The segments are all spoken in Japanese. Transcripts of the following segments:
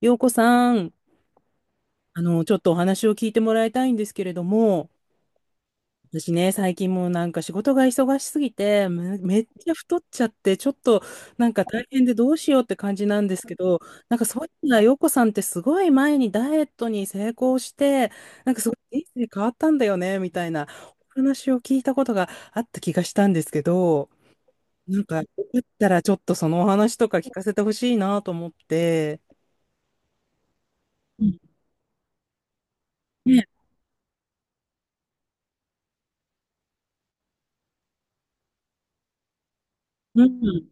洋子さん、ちょっとお話を聞いてもらいたいんですけれども、私ね、最近もうなんか仕事が忙しすぎて、めっちゃ太っちゃって、ちょっとなんか大変でどうしようって感じなんですけど、なんかそういうのは洋子さんってすごい前にダイエットに成功して、なんかすごい人生変わったんだよね、みたいなお話を聞いたことがあった気がしたんですけど、なんかよかったらちょっとそのお話とか聞かせてほしいなと思って。うん、ね、うん。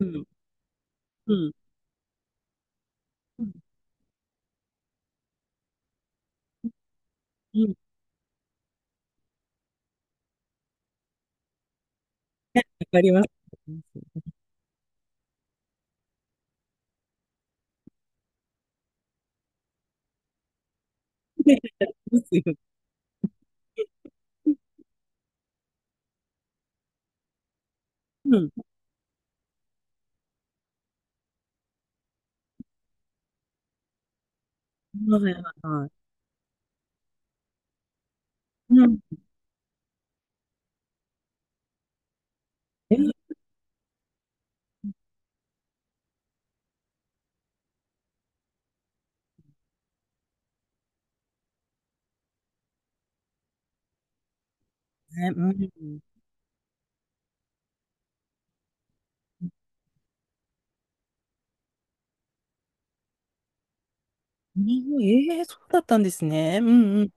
うん。うん。うん、わかります。ですよ。うん。はいはいはい。うん。ですね、うん。うん、ええ、そうだったんですね。うんうん。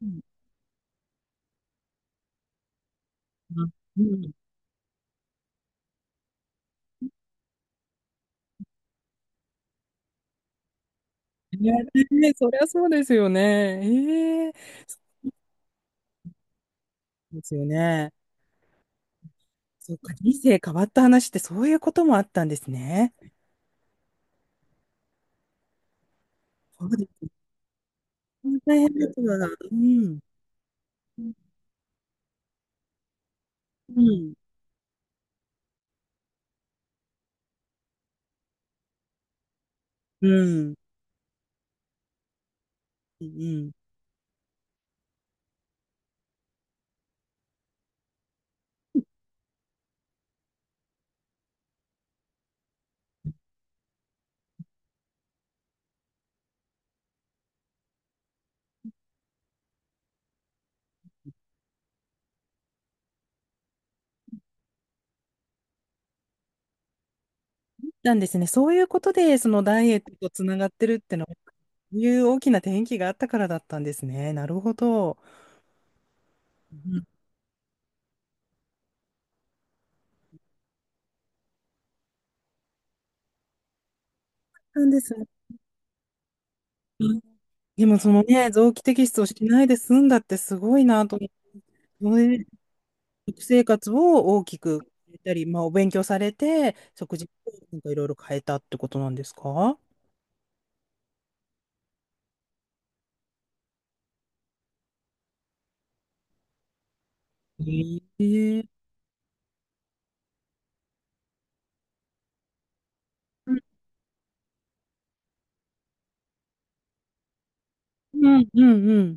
うん。うん。いや、ね、そりゃそうですよね。ええ、そうですよね。そっか、人生変わった話ってそういうこともあったんですね。そうです。大変ですわ。うん。うん。うん。うん。うん。なんですね。そういうことで、そのダイエットとつながってるってのはそういう大きな転機があったからだったんですね。なるほど。うん、なんですね。うん。でもそのね、臓器摘出をしないで済んだってすごいなと思って、それで食生活を大きく変えたり、まあ、お勉強されて、食事をなんかいろいろ変えたってことなんですか？ええ、うんうんうんうん。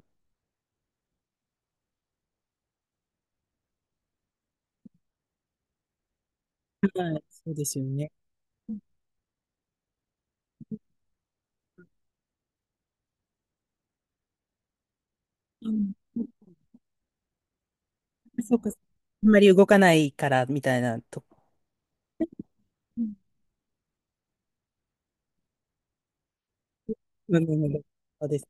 はい、そうですよね。うん、そうか。あんまり動かないからみたいなとこ。うんうんうんうん、そうです。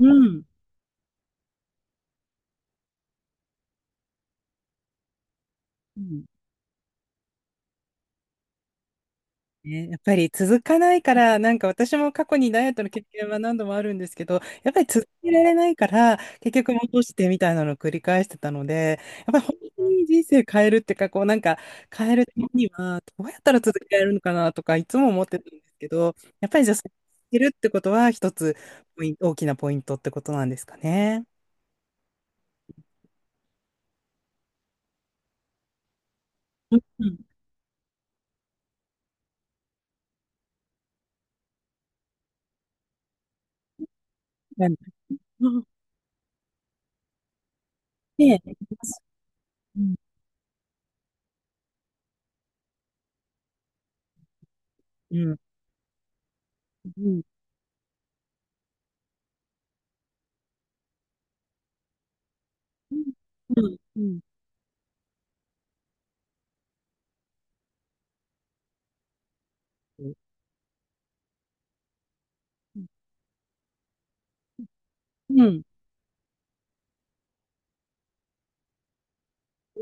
うん。うん。ね、やっぱり続かないから、なんか私も過去にダイエットの経験は何度もあるんですけど、やっぱり続けられないから、結局戻してみたいなのを繰り返してたので、やっぱり本当に人生変えるっていうか、こうなんか変えるためには、どうやったら続けられるのかなとか、いつも思ってたんですけど、やっぱりじゃあ、続けるってことは一つ、ポイン大きなポイントってことなんですかね。うんうん。なんか、うん、ねえ、うん、うん、うん、うん、うん、うん。うん、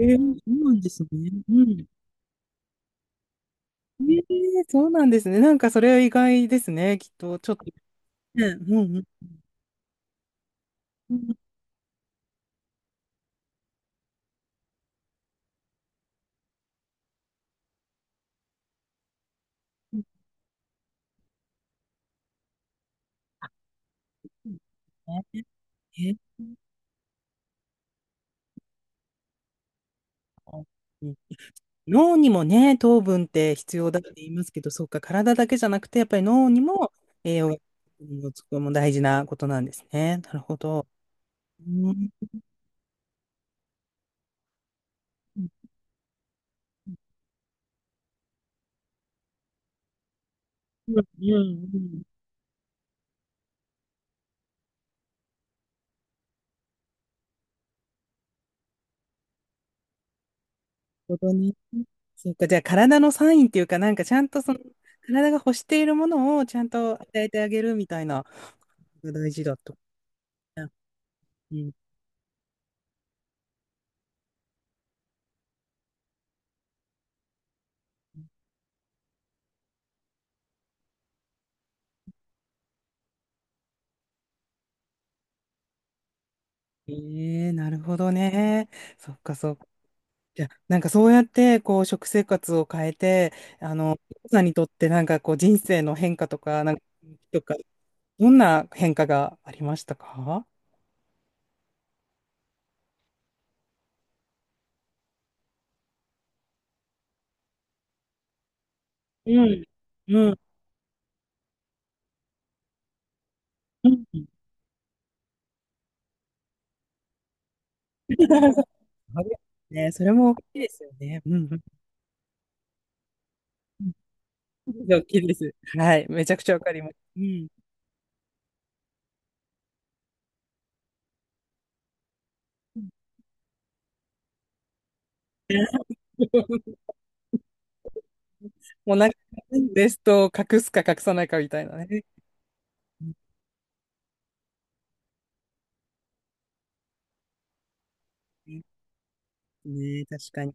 ええ、そうなんですね。うん。ええ、そうなんですね。なんかそれは意外ですね。きっと、ちょっと。ね、うん、うん。うんうん、ねえ、脳にもね、糖分って必要だって言いますけど、そうか、体だけじゃなくて、やっぱり脳にも栄養がつくのも大事なことなんですね。なるほど。うん、うん、うん、うん、なるほどね。そうか、じゃあ体のサインっていうか、なんかちゃんとその、体が欲しているものをちゃんと与えてあげるみたいな、が大事だと。うん。ええ、なるほどね。そっかそっか。じゃあ、なんかそうやって、こう、食生活を変えて、あの、さんにとってなんかこう、人生の変化とか、なんか、とか、どんな変化がありましたか？うん。うん。うん。ね、それも大きいですよね。うん。大きいです。はい。めちゃくちゃわかります。うん。もうなんか、ベストを隠すか隠さないかみたいなね。うん、ね、確かに。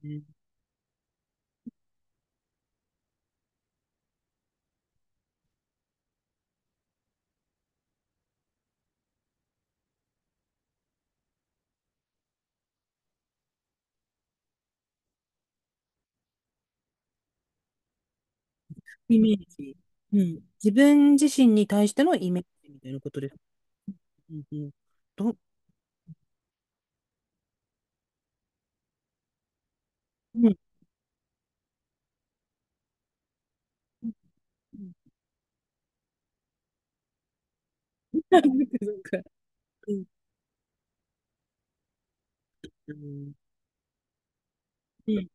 あ、うん、イメージ。うん。自分自身に対してのイメージみたいなことです。うんうん。ど、うん。うん。 うん。うん。うん。うん。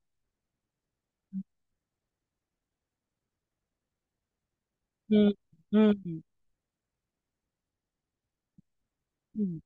うん。うん。うん。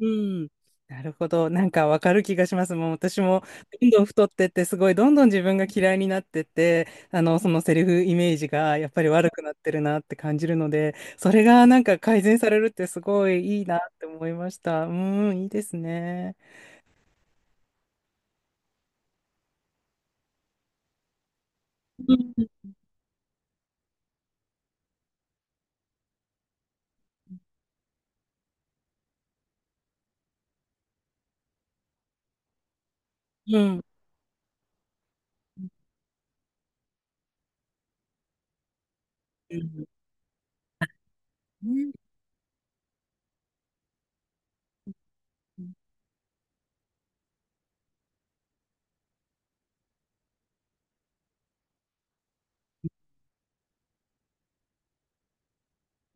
うん。なるほど。なんかわかる気がします。もう私もどんどん太ってって、すごいどんどん自分が嫌いになってって、そのセリフイメージがやっぱり悪くなってるなって感じるので、それがなんか改善されるってすごいいいなって思いました。うん、いいですね。うん。うん。うん。うん。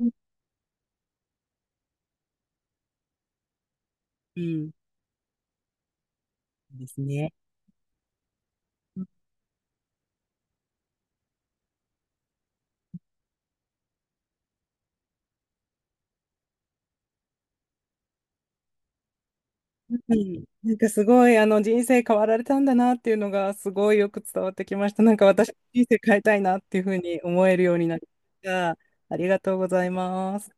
うん。うん、ですね。うん、なんかすごいあの人生変わられたんだなっていうのがすごいよく伝わってきました。なんか私人生変えたいなっていうふうに思えるようになりました。ありがとうございます。